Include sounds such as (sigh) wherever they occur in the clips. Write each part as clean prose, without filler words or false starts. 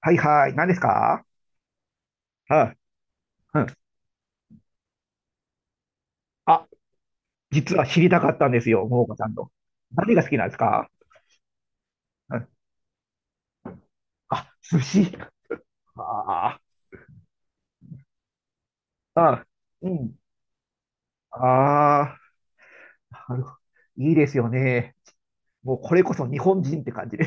はいはい。何ですか？はい。うん。あ、実は知りたかったんですよ、桃子さんの。何が好きなんですか？うん。あ、寿司。ああ。うん。ああ。なるほど。いいですよね。もうこれこそ日本人って感じで。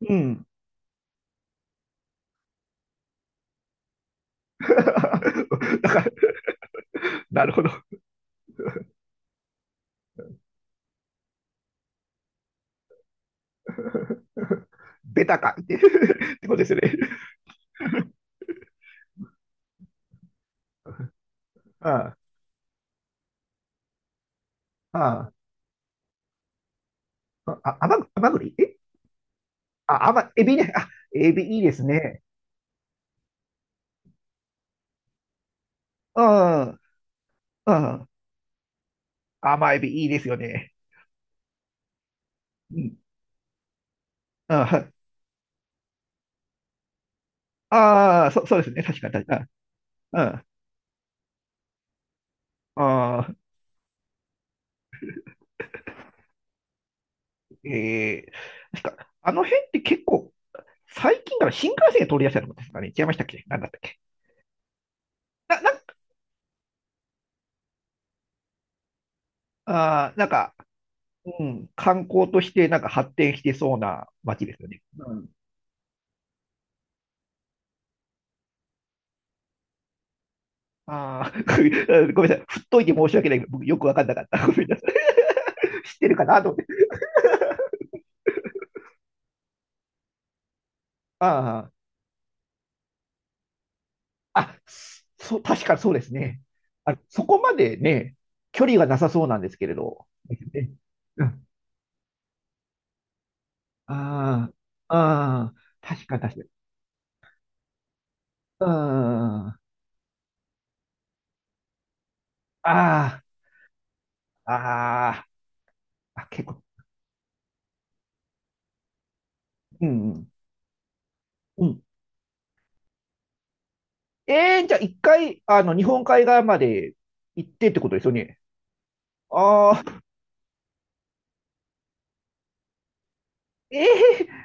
(laughs) うん。(laughs) だから、なるほど。ベタかって (laughs) ってことですよね。うん。うん。あ、甘ぐ、甘栗えあ、エビね。あ、エビいいですね。うん。うん。甘エビいいですよね。うん。うん。ああ、そうですね。確か、確か。うん。ああー、ええ、確か、あの辺って結構、最近から新幹線が通りやすいのですかね。違いましたっけ？なんだったっけ？な、な、ああ、なんか、うん、観光としてなんか発展してそうな街ですよね。うん。ああ。(laughs) ごめんなさい。振っといて申し訳ない。僕よくわかんなかった。ごめんなさい。(laughs) 知ってるかなと思って。ああ、あ、そう、確かそうですね。あ、そこまでね、距離がなさそうなんですけれど。ですね。ああ、ああ、確か確かに。うん。ああ、ああ、あ、結構。うん。うん。じゃあ一回、日本海側まで行ってってことですよね。ああ、ええ、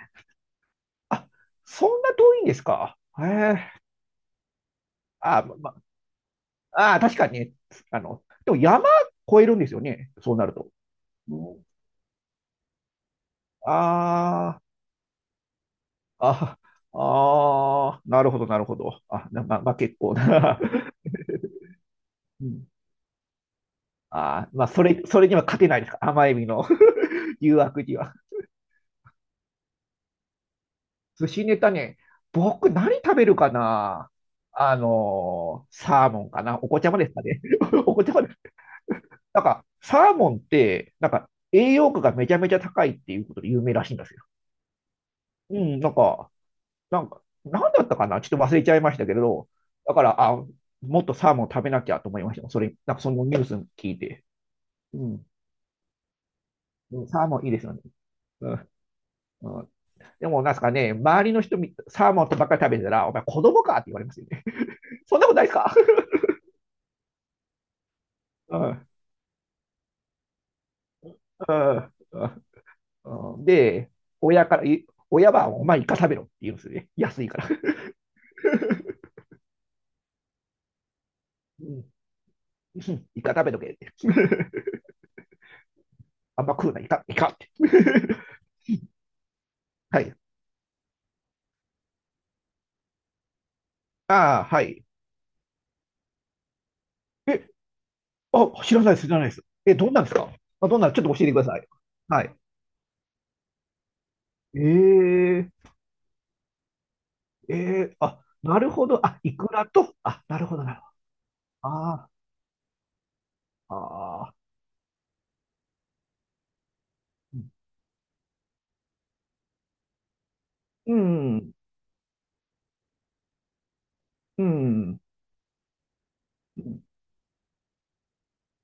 あ、そんな遠いんですか？ええ、あま、ああー、確かにね。でも山越えるんですよね。そうなると。うん、ああ、あ、ああ、なるほど、なるほど。あ、まあ、結構な。(laughs) うん。まあ、それには勝てないですか？甘エビの (laughs) 誘惑には。寿司ネタね、僕何食べるかな？サーモンかな。お子ちゃまですかね？ (laughs) お子ちゃまです。なんか、サーモンって、なんか、栄養価がめちゃめちゃ高いっていうことで有名らしいんですよ。うん、なんか、なんだったかな、ちょっと忘れちゃいましたけれど、だから、あ、もっとサーモン食べなきゃと思いました。それ、なんかそのニュース聞いて。うん、うん。サーモンいいですよね。うん、うん。でも、なんですかね、周りの人、サーモンとばっかり食べてたら、お前子供かって言われますよね。(laughs) そんなことないですか？ (laughs) うん、うん、うん。で、親から、い親は、お前イカ食べろって言うんですよね。安いから。(laughs) うん、イカ食べとけって。(laughs) あんま食うな、イカ、イカって。(laughs) はい。ああ、はい。え、あ、知らないです、知らないです。え、どんなんですか？あ、どんなん、ちょっと教えてください。はい。えー、えあ、なるほど。あ、イクラと、あ、なるほど、なるほど。ああ、ああ、うん、うん。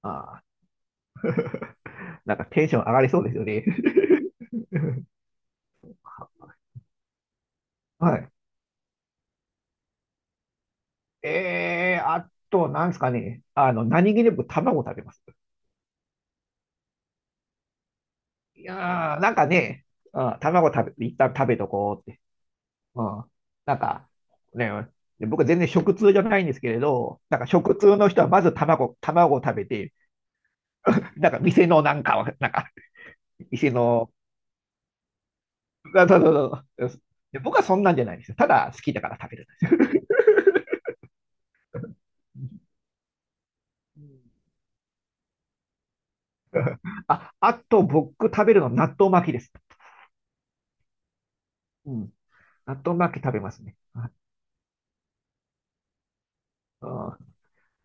ああ、なんかテンション上がりそうですよね。(laughs) はい。あと、なんですかね。何気なく卵食べます。いやー、なんかね、うん、卵食べ、一旦食べとこうって。うん、なんか、ね、で僕全然食通じゃないんですけれど、なんか食通の人はまず卵を食べて、なんか店のなんかを、なんか、店の、そうそうそうそう。で僕はそんなんじゃないんですよ。ただ好きだから食べるんですよ。(laughs) うん。あ、あと僕食べるのは納豆巻きです。うん。納豆巻き食べますね。はい。あ、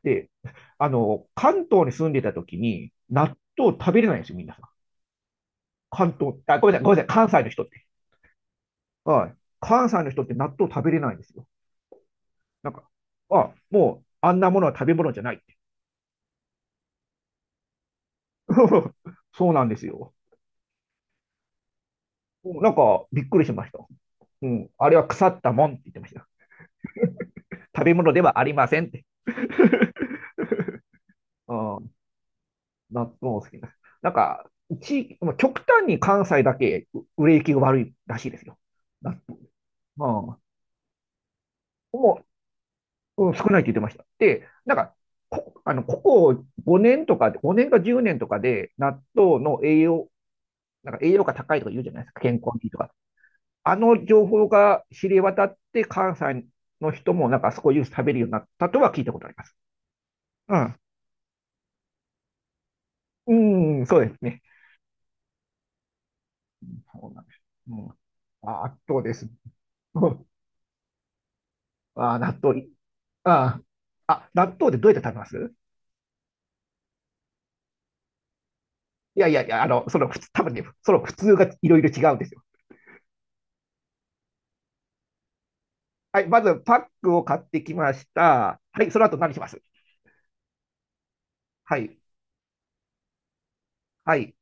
で、関東に住んでた時に納豆食べれないんですよ、みんなさ、関東、あ、ごめんなさい、ごめんなさい、関西の人って。はい。関西の人って納豆食べれないんですよ。なんか、あ、もう、あんなものは食べ物じゃないって。(laughs) そうなんですよ。うん。なんか、びっくりしました。うん。あれは腐ったもんって言ってました。食べ物ではありませんって。(laughs) うん、納豆も好きな。なんか、地域、まあ極端に関西だけ売れ行きが悪いらしいですよ。うん、もう、うん、少ないって言ってました。で、なんか、こ、あの、ここ5年とか、5年か10年とかで、納豆の栄養、なんか栄養価高いとか言うじゃないですか、健康にいいとか。あの情報が知れ渡って、関西の人もなんか少しずつ食べるようになったとは聞いたことあります。うん。うん、そうですね。そうなんです。うん、ああとです。(laughs) ああ、納豆、ああ、あ、納豆でどうやって食べます？いやいやいや、その普通、多分ね、その普通がいろいろ違うんですよ。はい、まずパックを買ってきました。はい、その後何します？はい、はい。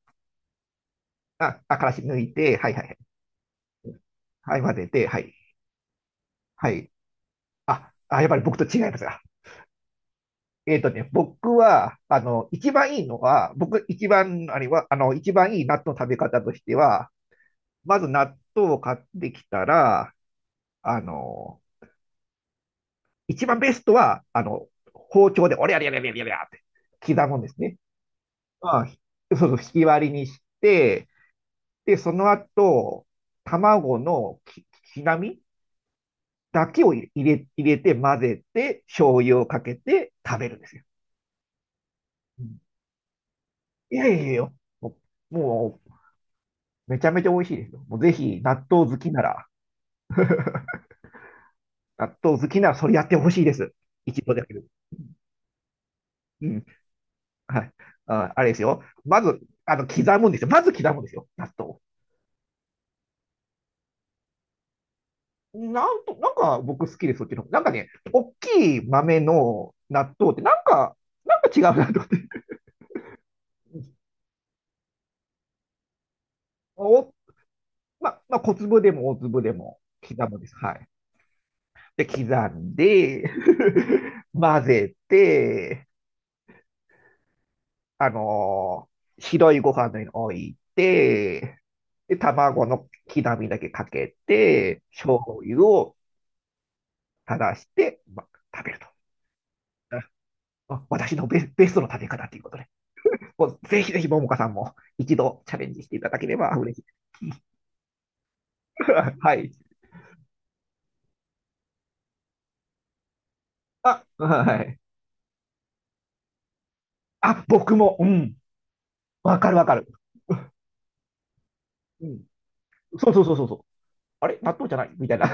あ、あ、からし抜いて、はいはいはい。はい、混ぜて、はい、はい。あ、あ、やっぱり僕と違いますが。僕は、一番いいのは、僕一番、あれは、一番いい納豆の食べ方としては、まず納豆を買ってきたら、あの、一番ベストは、包丁で、おりゃりゃりゃりゃりゃりゃって刻むんですね。まあ、そうそう、引き割りにして、で、その後、卵のきなみだけを入れて混ぜて、醤油をかけて食べるんですよ。うん、いやいやいや、ももうめちゃめちゃ美味しいですよ。もうぜひ、納豆好きなら、納豆好きならそれやってほしいです。一度だけで。うん。はい。あ、あれですよ。まず、刻むんですよ。まず刻むんですよ。納豆を。なんと、なんか僕好きです、そっちの方。なんかね、大きい豆の納豆って、なんか違うなと思って。(laughs) お、まあ、小粒でも大粒でも刻むんです。はい。で、刻んで (laughs) 混ぜて、あのー白いご飯の上に置いて、で、卵の刻みだけかけて、醤油を垂らして、ま、食べると。あ、私のベストの食べ方っていうことで。こうぜひぜひ、ももかさんも一度チャレンジしていただければ嬉しい。(laughs) はい。あ、はい。あ、僕も、うん。わかるわかる。うん。そうそうそうそうそう。あれ納豆じゃないみたいな。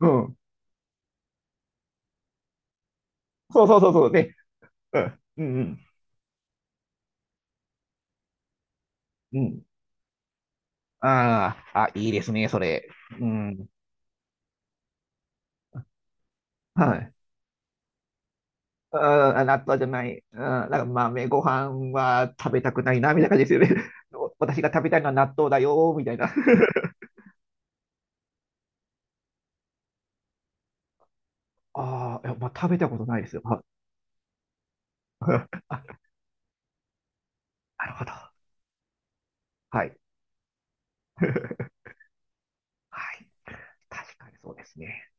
(laughs) うん。そうそうそうそうね。うん。うんうん。うん。ああ、あ、いいですね、それ。うん。はい。うん、あ、納豆じゃない。うん、なんか豆ご飯は食べたくないな、みたいな感じですよね。(laughs) 私が食べたいのは納豆だよ、みたいな。(laughs) ああ、いやまあ、食べたことないですよ。はい (laughs) あ、なるほど。はい。(laughs) はい。確かにそうですね。